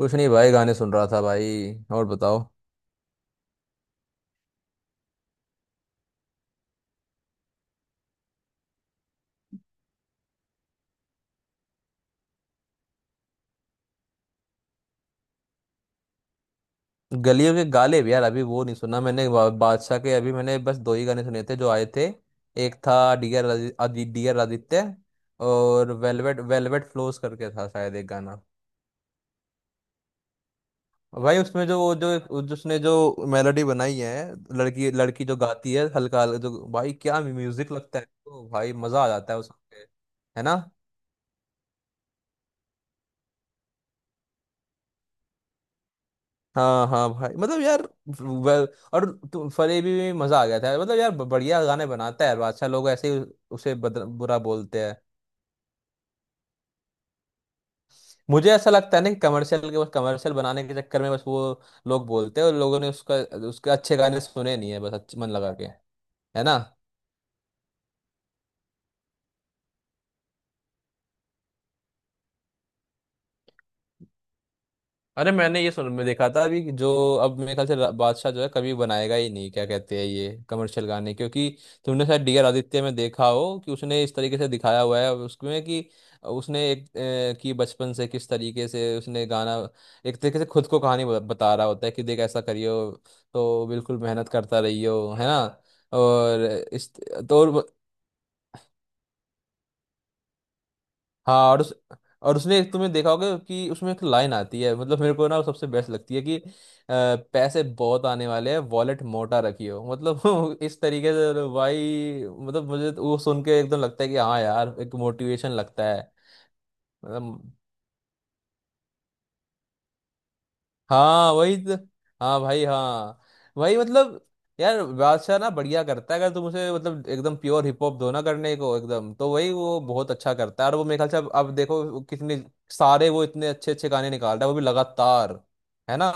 कुछ नहीं भाई, गाने सुन रहा था भाई। और बताओ। गलियों के गाले भी यार अभी वो नहीं सुना मैंने। बादशाह के अभी मैंने बस दो ही गाने सुने थे जो आए थे। एक था, डियर डियर आदित्य। और वेलवेट वेलवेट फ्लोस करके था शायद एक गाना। भाई उसमें जो वो जिसने जो मेलोडी बनाई है, लड़की लड़की जो गाती है हल्का हल्का, जो भाई क्या म्यूजिक लगता है, तो भाई मजा आ जाता है उसके। है ना। हाँ हाँ भाई, मतलब यार। वे- और फरेबी में भी मजा आ गया था। मतलब यार, बढ़िया गाने बनाता है यार बादशाह, लोग ऐसे ही उसे बुरा बोलते हैं। मुझे ऐसा लगता है ना कि कमर्शियल के, बस कमर्शियल बनाने के चक्कर में, बस वो लोग बोलते हैं। और लोगों ने उसका, उसके अच्छे गाने सुने नहीं है बस, अच्छे मन लगा के। है ना। अरे मैंने ये सुन में देखा था अभी कि जो, अब मेरे ख्याल से बादशाह जो है कभी बनाएगा ही नहीं क्या कहते हैं ये कमर्शियल गाने, क्योंकि तुमने शायद डीआर आदित्य में देखा हो कि उसने इस तरीके से दिखाया हुआ है उसमें कि, उसने एक, कि बचपन से किस तरीके से उसने गाना, एक तरीके से खुद को कहानी बता रहा होता है कि देख ऐसा करियो, तो बिल्कुल मेहनत करता रहियो। है ना। और इस तो, हाँ, और उस और उसमें एक तुमने देखा होगा कि उसमें एक लाइन आती है, मतलब मेरे को ना वो सबसे बेस्ट लगती है कि, पैसे बहुत आने वाले हैं, वॉलेट मोटा रखियो, मतलब इस तरीके से। तो भाई मतलब मुझे तो वो सुन के एकदम लगता है कि हाँ यार, एक मोटिवेशन लगता है। मतलब, हाँ वही तो। हाँ भाई हाँ। वही मतलब, यार बादशाह ना बढ़िया करता है अगर तुम उसे, मतलब एकदम प्योर हिप हॉप दो ना करने को एकदम, तो वही वो बहुत अच्छा करता है। और वो मेरे ख्याल से, अब देखो वो कितने सारे, वो इतने अच्छे अच्छे गाने निकाल रहा है वो भी लगातार। है ना।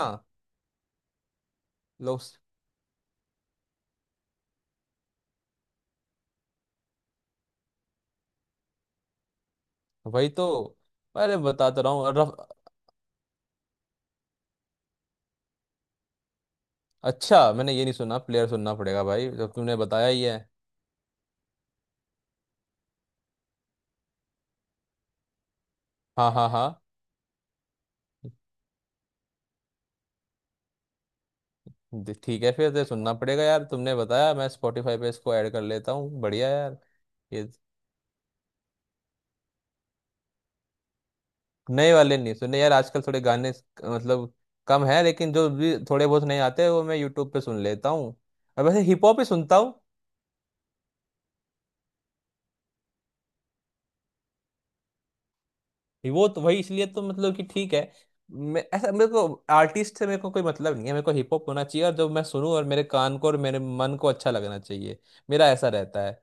लोग, वही तो। अरे बताता रहा हूँ अच्छा, मैंने ये नहीं सुना, प्लेयर सुनना पड़ेगा भाई जब तुमने बताया ही है। हाँ हाँ हाँ। ठीक है, फिर तो सुनना पड़ेगा यार, तुमने बताया, मैं स्पॉटिफाई पे इसको ऐड कर लेता हूँ, बढ़िया यार। ये नए वाले नहीं सुने यार, आजकल थोड़े गाने मतलब कम है, लेकिन जो भी थोड़े बहुत नए आते हैं वो मैं यूट्यूब पे सुन लेता हूँ। और वैसे हिप हॉप ही सुनता हूँ। वो तो वही इसलिए तो मतलब कि ठीक है, मैं ऐसा, मेरे को आर्टिस्ट से मेरे को कोई मतलब नहीं है, मेरे को हिप हॉप होना चाहिए और जो मैं सुनूं और मेरे कान को और मेरे मन को अच्छा लगना चाहिए। मेरा ऐसा रहता है।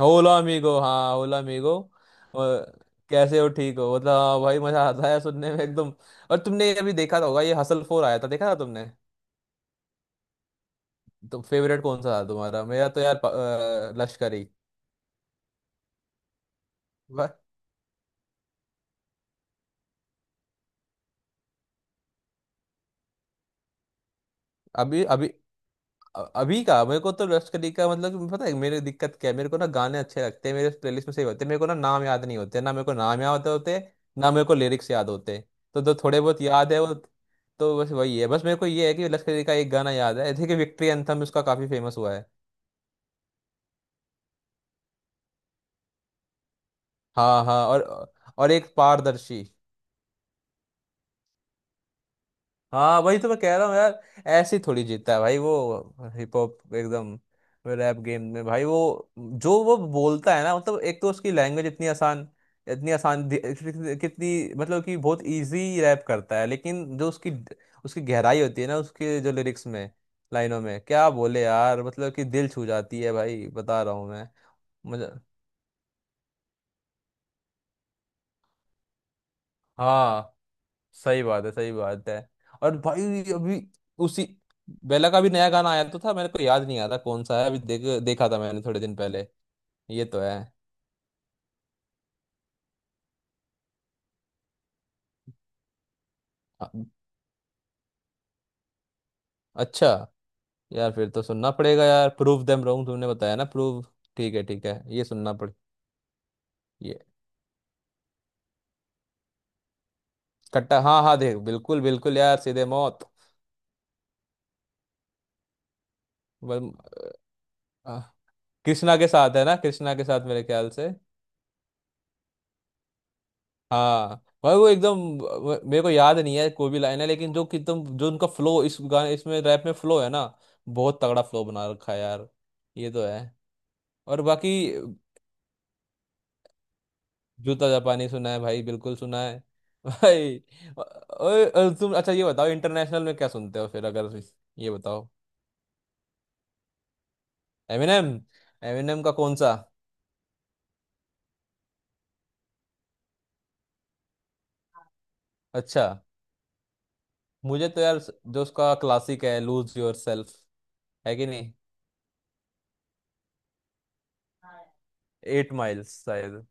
होला अमीगो, हाँ होला अमीगो। कैसे हो ठीक हो, मतलब हाँ भाई, मजा आता है सुनने में एकदम। और तुमने अभी देखा तो होगा, ये हसल फोर आया था, देखा था तुमने? तो फेवरेट कौन सा था तुम्हारा? मेरा तो यार लश्करी। वाह। अभी अभी अभी का मेरे को तो लश्करी का, मतलब कि पता है मेरी दिक्कत क्या है, मेरे को ना गाने अच्छे लगते हैं, मेरे प्लेलिस्ट में सही होते हैं, मेरे को ना नाम याद नहीं होते, ना मेरे को नाम याद होते, ना मेरे को लिरिक्स याद होते। तो जो थोड़े बहुत याद है वो तो बस वही है। बस मेरे को ये है कि लश्करी का एक गाना याद है, जैसे कि विक्ट्री एंथम, उसका काफी फेमस हुआ है। हाँ हाँ। और एक पारदर्शी। हाँ वही तो मैं कह रहा हूँ यार, ऐसे ही थोड़ी जीतता है भाई वो, हिप हॉप एकदम रैप गेम में। भाई वो बोलता है ना, मतलब एक तो उसकी लैंग्वेज इतनी आसान, इतनी आसान कितनी, मतलब कि बहुत इजी रैप करता है, लेकिन जो उसकी, उसकी गहराई होती है ना उसके जो लिरिक्स में, लाइनों में क्या बोले यार, मतलब कि दिल छू जाती है भाई, बता रहा हूँ मैं। मुझे, हाँ, सही बात है, सही बात है। और भाई अभी उसी, बेला का भी नया गाना आया तो था, मेरे को याद नहीं आ रहा कौन सा है, अभी देख देखा था मैंने थोड़े दिन पहले। ये तो है। अ- अच्छा। यार फिर तो सुनना पड़ेगा यार, प्रूव देम रॉन्ग तुमने बताया ना, प्रूव, ठीक है ठीक है, ये सुनना पड़े। ये कट्टा, हाँ हाँ, देख बिल्कुल बिल्कुल यार, सीधे मौत। बल- अ, कृष्णा के साथ है ना, कृष्णा के साथ मेरे ख्याल से। हाँ भाई वो एकदम मेरे को याद नहीं है कोई भी लाइन है, लेकिन जो कि तुम जो उनका फ्लो, इस गाने इसमें रैप में फ्लो है ना, बहुत तगड़ा फ्लो बना रखा है यार। ये तो है। और बाकी जूता जापानी सुना है भाई, बिल्कुल सुना है। भाई, तुम अच्छा ये बताओ, इंटरनेशनल में क्या सुनते हो फिर, अगर ये बताओ। एमिनेम, एमिनेम का कौन सा? अच्छा। मुझे तो यार जो उसका क्लासिक है, लूज योर सेल्फ, है कि नहीं? एट माइल्स शायद।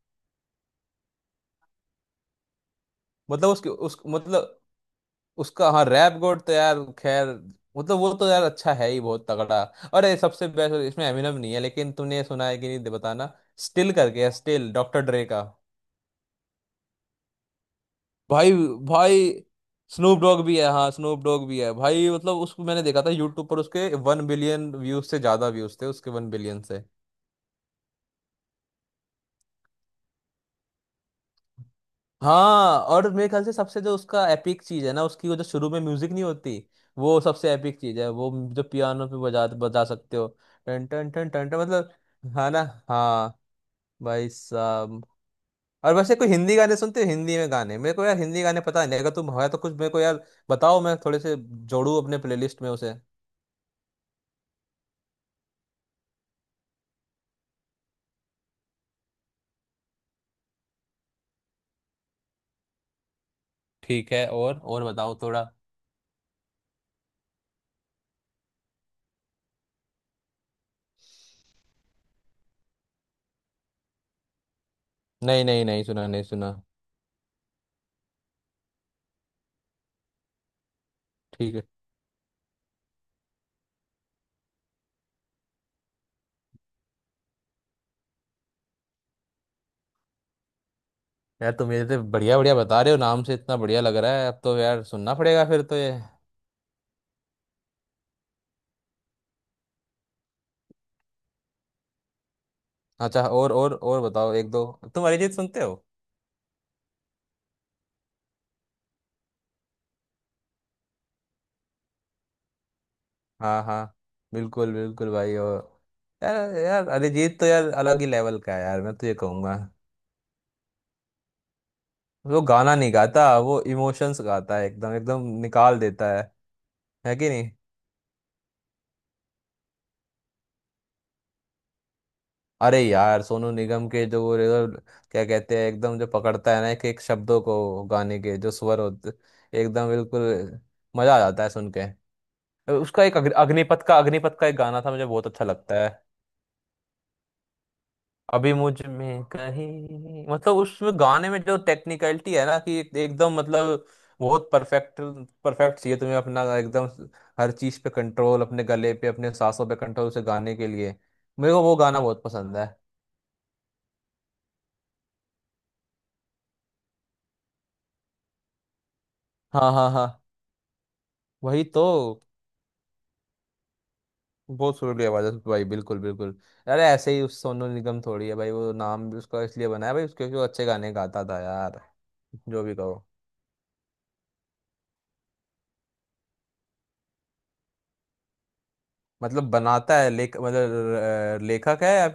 मतलब उसके उस मतलब, उसका, हाँ रैप गॉड तो यार खैर, मतलब वो तो यार अच्छा है ही, बहुत तगड़ा। अरे सबसे बेस्ट तो, इसमें एमिनम नहीं है लेकिन, तूने सुना है कि नहीं बताना, स्टिल करके है, स्टिल, डॉक्टर ड्रे का। भाई, भाई स्नूप डॉग भी है, हाँ स्नूप डॉग भी है भाई, मतलब उसको मैंने देखा था यूट्यूब पर, उसके वन बिलियन व्यूज से ज्यादा व्यूज थे, उसके वन बिलियन से। हाँ, और मेरे ख्याल से सबसे जो उसका एपिक चीज है ना, उसकी वो जो शुरू में म्यूजिक नहीं होती, वो सबसे एपिक चीज है, वो जो पियानो पे बजा बजा सकते हो। टन टन टन टन टन, मतलब, हाँ ना, हाँ। भाई साहब, और वैसे कोई हिंदी गाने सुनते हो? हिंदी में गाने मेरे को यार, हिंदी गाने पता नहीं, अगर तुम हो तो कुछ मेरे को यार बताओ, मैं थोड़े से जोड़ू अपने प्लेलिस्ट में उसे। ठीक है, और बताओ थोड़ा। नहीं नहीं, नहीं सुना, नहीं सुना। ठीक है, यार तुम ये तो बढ़िया बढ़िया बता रहे हो, नाम से इतना बढ़िया लग रहा है, अब तो यार सुनना पड़ेगा फिर तो ये। अच्छा, और बताओ एक दो। तुम अरिजीत सुनते हो? हाँ हाँ बिल्कुल बिल्कुल भाई, और यार यार अरिजीत तो यार अलग ही लेवल का है यार, मैं तो ये कहूंगा वो गाना नहीं गाता, वो इमोशंस गाता है एकदम, एकदम निकाल देता है कि नहीं? अरे यार सोनू निगम के जो वो क्या कहते हैं, एकदम जो पकड़ता है ना एक एक शब्दों को, गाने के जो स्वर होते, एकदम बिल्कुल, मजा आ जाता है सुन के। उसका एक अग्निपथ का, अग्निपथ का एक गाना था मुझे बहुत अच्छा लगता है। अभी मुझ में कहीं, मतलब उसमें गाने में जो टेक्निकलिटी है ना कि एकदम मतलब बहुत परफेक्ट, परफेक्ट चाहिए तुम्हें अपना एकदम, हर चीज पे कंट्रोल, अपने गले पे अपने सांसों पे कंट्रोल उसे गाने के लिए। मेरे को वो गाना बहुत पसंद है। हाँ हाँ हाँ, वही तो, बहुत सुरीली आवाज है भाई, बिल्कुल बिल्कुल। अरे ऐसे ही उस सोनू निगम थोड़ी है भाई, वो नाम भी उसका इसलिए बनाया भाई उसके, क्योंकि वो अच्छे गाने गाता था यार, जो भी कहो। मतलब बनाता है, लेख मतलब लेखक है या?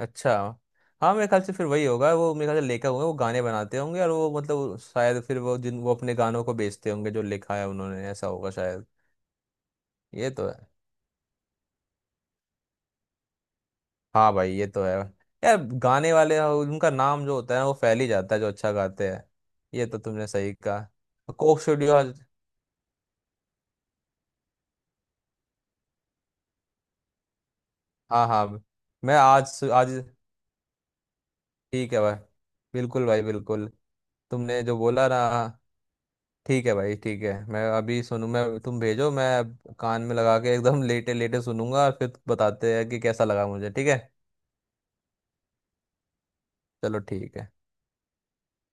अच्छा। हाँ मेरे ख्याल से फिर वही होगा, वो मेरे ख्याल से लेखक होंगे, वो गाने बनाते होंगे, और वो मतलब शायद फिर वो जिन, वो अपने गानों को बेचते होंगे जो लिखा है उन्होंने, ऐसा होगा शायद। ये तो है, हाँ भाई ये तो है। यार गाने वाले उनका नाम जो होता है वो फैल ही जाता है जो अच्छा गाते हैं। ये तो तुमने सही कहा। Coke studio. हाँ हाँ, मैं आज आज ठीक है भाई, बिल्कुल भाई बिल्कुल, तुमने जो बोला ना। ठीक है भाई, ठीक है मैं अभी सुनू, मैं, तुम भेजो, मैं अब कान में लगा के एकदम लेटे लेटे सुनूंगा और फिर बताते हैं कि कैसा लगा मुझे, ठीक है। चलो ठीक है।